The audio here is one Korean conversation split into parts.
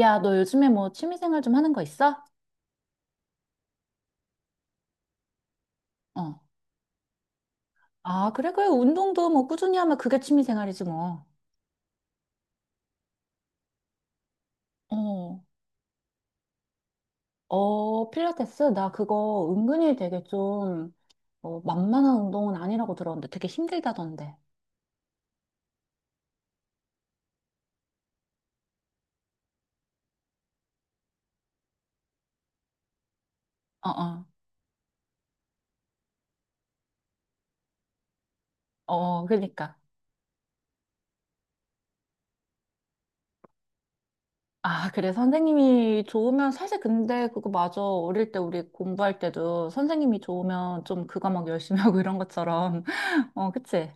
야, 너 요즘에 뭐 취미생활 좀 하는 거 있어? 어. 아, 그래, 그래. 운동도 뭐 꾸준히 하면 그게 취미생활이지 뭐. 어, 어, 필라테스? 나 그거 은근히 되게 좀, 어, 만만한 운동은 아니라고 들었는데 되게 힘들다던데. 어, 어. 어, 그러니까. 아, 그래. 선생님이 좋으면 사실 근데 그거 맞아. 어릴 때 우리 공부할 때도 선생님이 좋으면 좀 그거 막 열심히 하고 이런 것처럼. 어, 그치?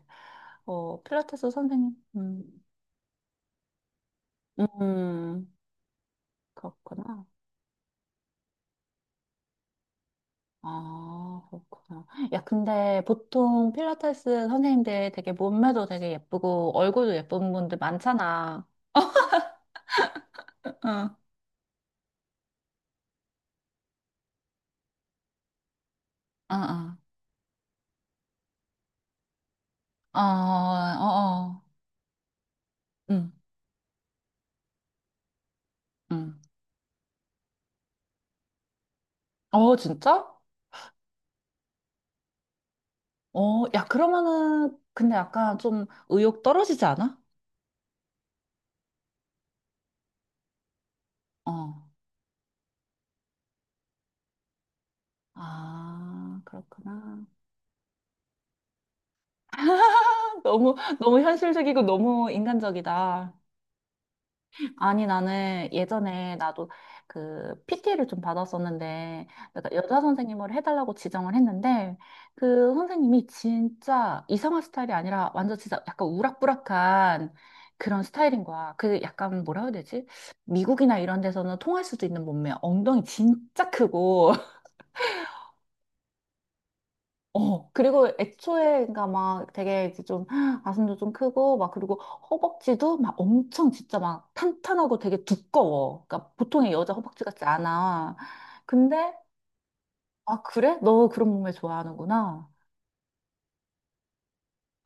어, 필라테스 선생님. 음. 음. 그렇구나. 아, 그렇구나. 야, 근데 보통 필라테스 선생님들 되게 몸매도 되게 예쁘고 얼굴도 예쁜 분들 많잖아. 응 어, 어, 어, 어, 응, 응. 어, 진짜? 어, 야, 그러면은, 근데 약간 좀 의욕 떨어지지 않아? 어. 아, 그렇구나. 너무, 너무 현실적이고 너무 인간적이다. 아니, 나는 예전에 나도 그 PT를 좀 받았었는데, 내가 여자 선생님을 해달라고 지정을 했는데, 그 선생님이 진짜 이상한 스타일이 아니라 완전 진짜 약간 우락부락한 그런 스타일인 거야. 그 약간 뭐라 해야 되지? 미국이나 이런 데서는 통할 수도 있는 몸매, 엉덩이 진짜 크고, 어, 그리고 애초에, 그니까 막 되게 이제 좀 가슴도 좀 크고, 막 그리고 허벅지도 막 엄청 진짜 막 탄탄하고 되게 두꺼워. 그니까 보통의 여자 허벅지 같지 않아. 근데, 아, 그래? 너 그런 몸매 좋아하는구나.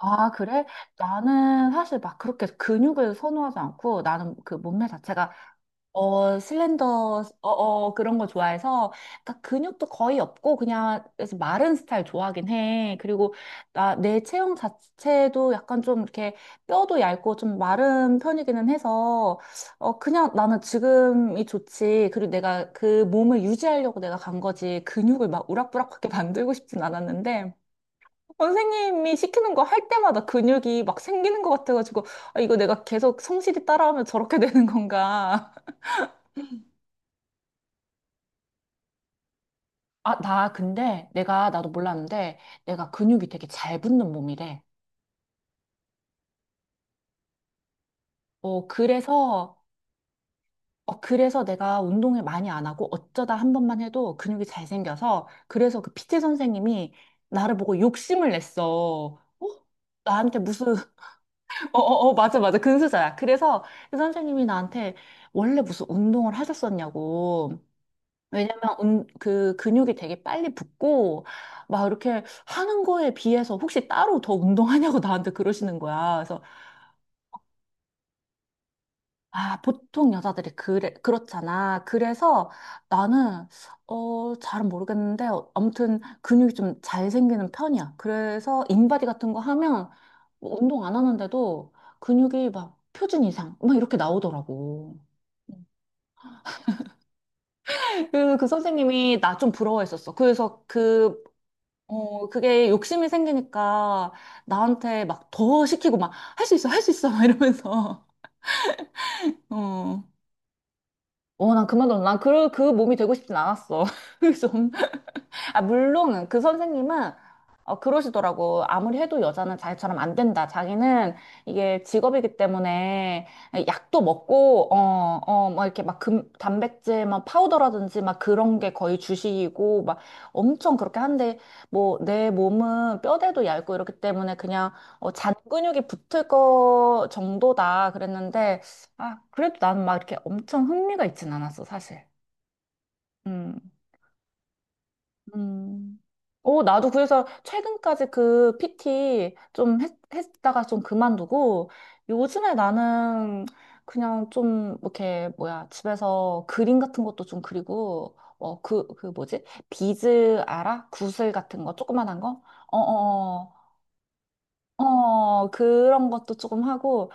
아, 그래? 나는 사실 막 그렇게 근육을 선호하지 않고 나는 그 몸매 자체가 어, 슬렌더, 어, 어, 그런 거 좋아해서, 그러니까 근육도 거의 없고, 그냥, 그래서 마른 스타일 좋아하긴 해. 그리고, 나, 내 체형 자체도 약간 좀 이렇게 뼈도 얇고 좀 마른 편이기는 해서, 어, 그냥 나는 지금이 좋지. 그리고 내가 그 몸을 유지하려고 내가 간 거지. 근육을 막 우락부락하게 만들고 싶진 않았는데, 선생님이 시키는 거 할 때마다 근육이 막 생기는 것 같아가지고, 아, 이거 내가 계속 성실히 따라하면 저렇게 되는 건가. 아, 나 근데 내가 나도 몰랐는데 내가 근육이 되게 잘 붙는 몸이래. 어, 그래서 어, 그래서 내가 운동을 많이 안 하고 어쩌다 한 번만 해도 근육이 잘 생겨서 그래서 그피 t 선생님이 나를 보고 욕심을 냈어. 어? 나한테 무슨 어, 어, 어, 맞아, 맞아. 근수자야. 그래서 그 선생님이 나한테 원래 무슨 운동을 하셨었냐고. 왜냐면 그 근육이 되게 빨리 붙고 막 이렇게 하는 거에 비해서 혹시 따로 더 운동하냐고 나한테 그러시는 거야. 그래서 아, 보통 여자들이 그래 그렇잖아. 그래서 나는 어, 잘은 모르겠는데 아무튼 근육이 좀 잘 생기는 편이야. 그래서 인바디 같은 거 하면 뭐 운동 안 하는데도 근육이 막 표준 이상 막 이렇게 나오더라고. 그, 그 선생님이 나 좀 부러워했었어. 그래서 그 어, 그게 욕심이 생기니까 나한테 막 더 시키고 막 할 수 있어, 할 수 있어, 막 이러면서. 어. 어, 난 그만둬. 난 그, 그 몸이 되고 싶진 않았어. 그래서 아, 물론 그 선생님은 어, 그러시더라고. 아무리 해도 여자는 자기처럼 안 된다. 자기는 이게 직업이기 때문에 약도 먹고, 어, 어, 막 이렇게 막 금, 단백질, 막 파우더라든지 막 그런 게 거의 주식이고, 막 엄청 그렇게 한데, 뭐, 내 몸은 뼈대도 얇고 이렇기 때문에 그냥 어, 잔 근육이 붙을 거 정도다. 그랬는데, 아, 그래도 나는 막 이렇게 엄청 흥미가 있진 않았어, 사실. 음. 음. 어, 나도 그래서 최근까지 그 PT 좀 했다가 좀 그만두고 요즘에 나는 그냥 좀 이렇게 뭐야 집에서 그림 같은 것도 좀 그리고 어, 그, 그 뭐지? 비즈 알아? 구슬 같은 거 조그만한 거? 어, 어, 어, 어, 그런 것도 조금 하고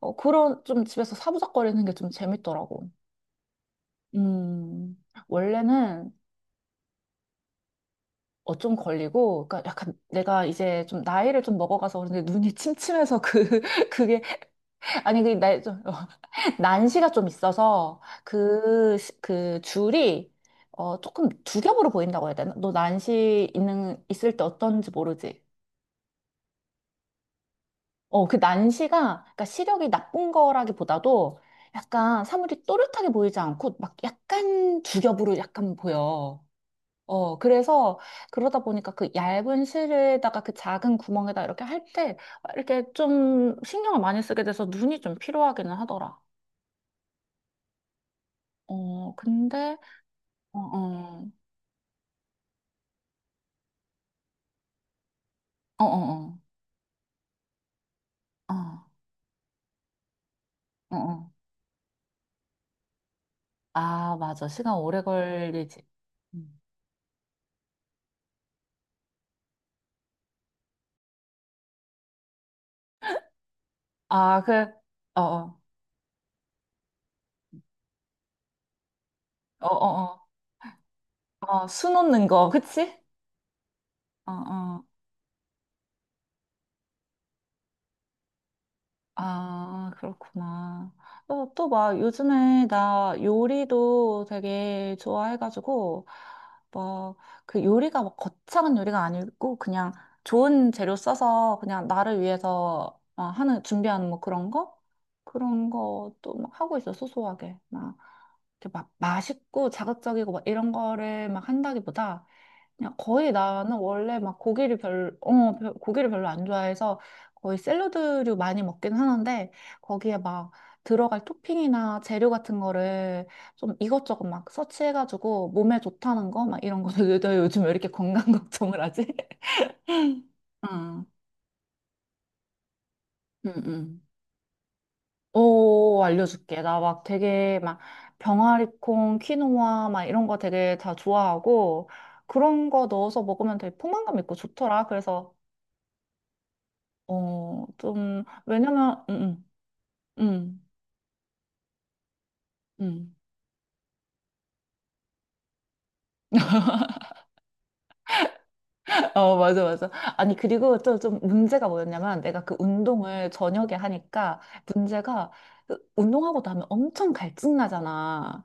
어, 그런 좀 집에서 사부작거리는 게 좀 재밌더라고. 음, 원래는 어, 좀 걸리고, 그러니까 약간 내가 이제 좀 나이를 좀 먹어가서 그런데 눈이 침침해서 그, 그게, 아니, 그, 나, 좀, 어, 난시가 좀 있어서 그, 그 줄이, 어, 조금 두 겹으로 보인다고 해야 되나? 너 난시 있을 때 어떤지 모르지? 어, 그 난시가, 그러니까 시력이 나쁜 거라기보다도 약간 사물이 또렷하게 보이지 않고 막 약간 두 겹으로 약간 보여. 어, 그래서 그러다 보니까 그 얇은 실에다가 그 작은 구멍에다 이렇게 할 때 이렇게 좀 신경을 많이 쓰게 돼서 눈이 좀 필요하기는 하더라. 어, 근데, 어, 어, 어, 어, 어, 어, 어. 어. 아, 맞아. 시간 오래 걸리지. 음. 아, 그, 어, 어, 어, 어, 어, 어, 수놓는 거, 그치? 어, 어. 아, 그렇구나. 또, 또 막, 요즘에 나 요리도 되게 좋아해가지고, 뭐, 그 요리가 막 거창한 요리가 아니고, 그냥 좋은 재료 써서 그냥 나를 위해서 어, 하는, 준비하는 뭐 그런 거? 그런 것도 막 하고 있어, 소소하게. 막, 이렇게 막 맛있고 자극적이고 막 이런 거를 막 한다기보다, 그냥 거의 나는 원래 막 고기를 고기를 별로 안 좋아해서 거의 샐러드류 많이 먹긴 하는데 거기에 막 들어갈 토핑이나 재료 같은 거를 좀 이것저것 막 서치해가지고 몸에 좋다는 거 막 이런 거도 너 요즘 왜 이렇게 건강 걱정을 하지? 응, 응, 응. 오, 알려줄게. 나 막 되게 막 병아리콩, 키노아 막 이런 거 되게 다 좋아하고 그런 거 넣어서 먹으면 되게 포만감 있고 좋더라. 그래서 어, 좀, 왜냐면, 응응응응 어, 맞아, 맞아. 아니, 그리고 또 좀 문제가 뭐였냐면, 내가 그 운동을 저녁에 하니까, 문제가, 그 운동하고 나면 엄청 갈증나잖아.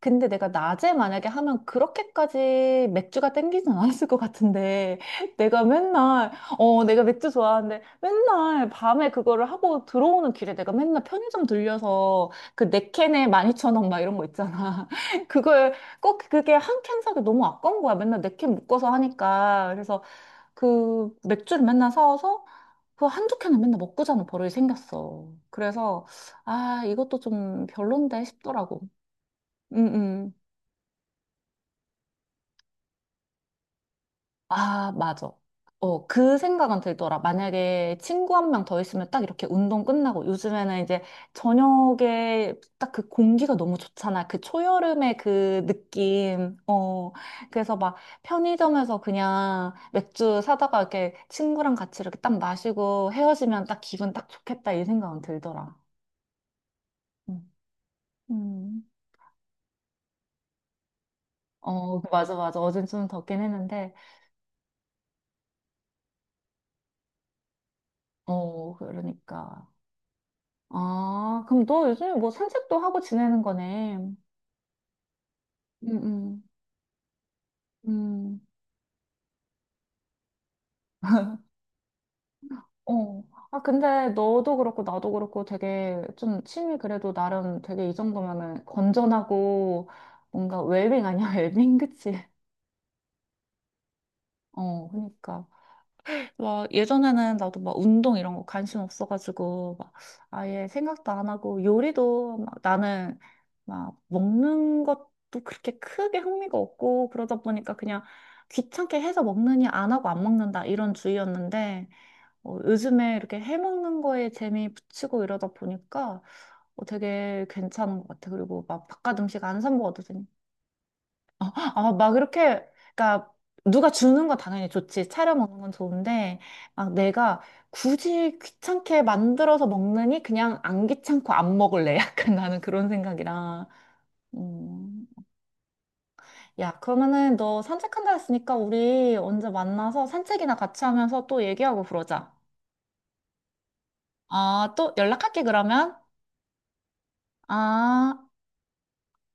근데 내가 낮에 만약에 하면 그렇게까지 맥주가 땡기진 않았을 것 같은데 내가 맨날 어 내가 맥주 좋아하는데 맨날 밤에 그거를 하고 들어오는 길에 내가 맨날 편의점 들려서 그 네 캔에 12,000원 막 이런 거 있잖아. 그걸 꼭 그게 한 캔 사기 너무 아까운 거야. 맨날 네 캔 묶어서 하니까. 그래서 그 맥주를 맨날 사와서 그 한두 캔을 맨날 먹고 자는 버릇이 생겼어. 그래서 아 이것도 좀 별론데 싶더라고. 응응. 아, 맞아. 어, 그 생각은 들더라. 만약에 친구 한 명 더 있으면 딱 이렇게 운동 끝나고 요즘에는 이제 저녁에 딱 그 공기가 너무 좋잖아. 그 초여름의 그 느낌. 어, 그래서 막 편의점에서 그냥 맥주 사다가 이렇게 친구랑 같이 이렇게 딱 마시고 헤어지면 딱 기분 딱 좋겠다 이 생각은 들더라. 음. 음. 어, 맞아, 맞아. 어젠 좀 덥긴 했는데, 어, 그러니까. 아, 그럼 너 요즘에 뭐 산책도 하고 지내는 거네. 응, 음, 음. 어. 아, 근데 너도 그렇고 나도 그렇고 되게 좀 취미 그래도 나름 되게 이 정도면은 건전하고 뭔가 웰빙 아니야? 웰빙, 그치? 어, 그러니까. 와, 예전에는 나도 막 운동 이런 거 관심 없어가지고, 막 아예 생각도 안 하고, 요리도 막 나는 막 먹는 것도 그렇게 크게 흥미가 없고, 그러다 보니까 그냥 귀찮게 해서 먹느니 안 하고 안 먹는다 이런 주의였는데, 어, 요즘에 이렇게 해 먹는 거에 재미 붙이고 이러다 보니까 어, 되게 괜찮은 것 같아. 그리고 막 바깥 음식 안 사 먹어도 되니까. 아, 막 이렇게, 그러니까 누가 주는 건 당연히 좋지. 차려 먹는 건 좋은데, 막 내가 굳이 귀찮게 만들어서 먹느니 그냥 안 귀찮고 안 먹을래. 약간 나는 그런 생각이라. 음. 야, 그러면은 너 산책한다 했으니까 우리 언제 만나서 산책이나 같이 하면서 또 얘기하고 그러자. 아, 또 연락할게, 그러면. 아.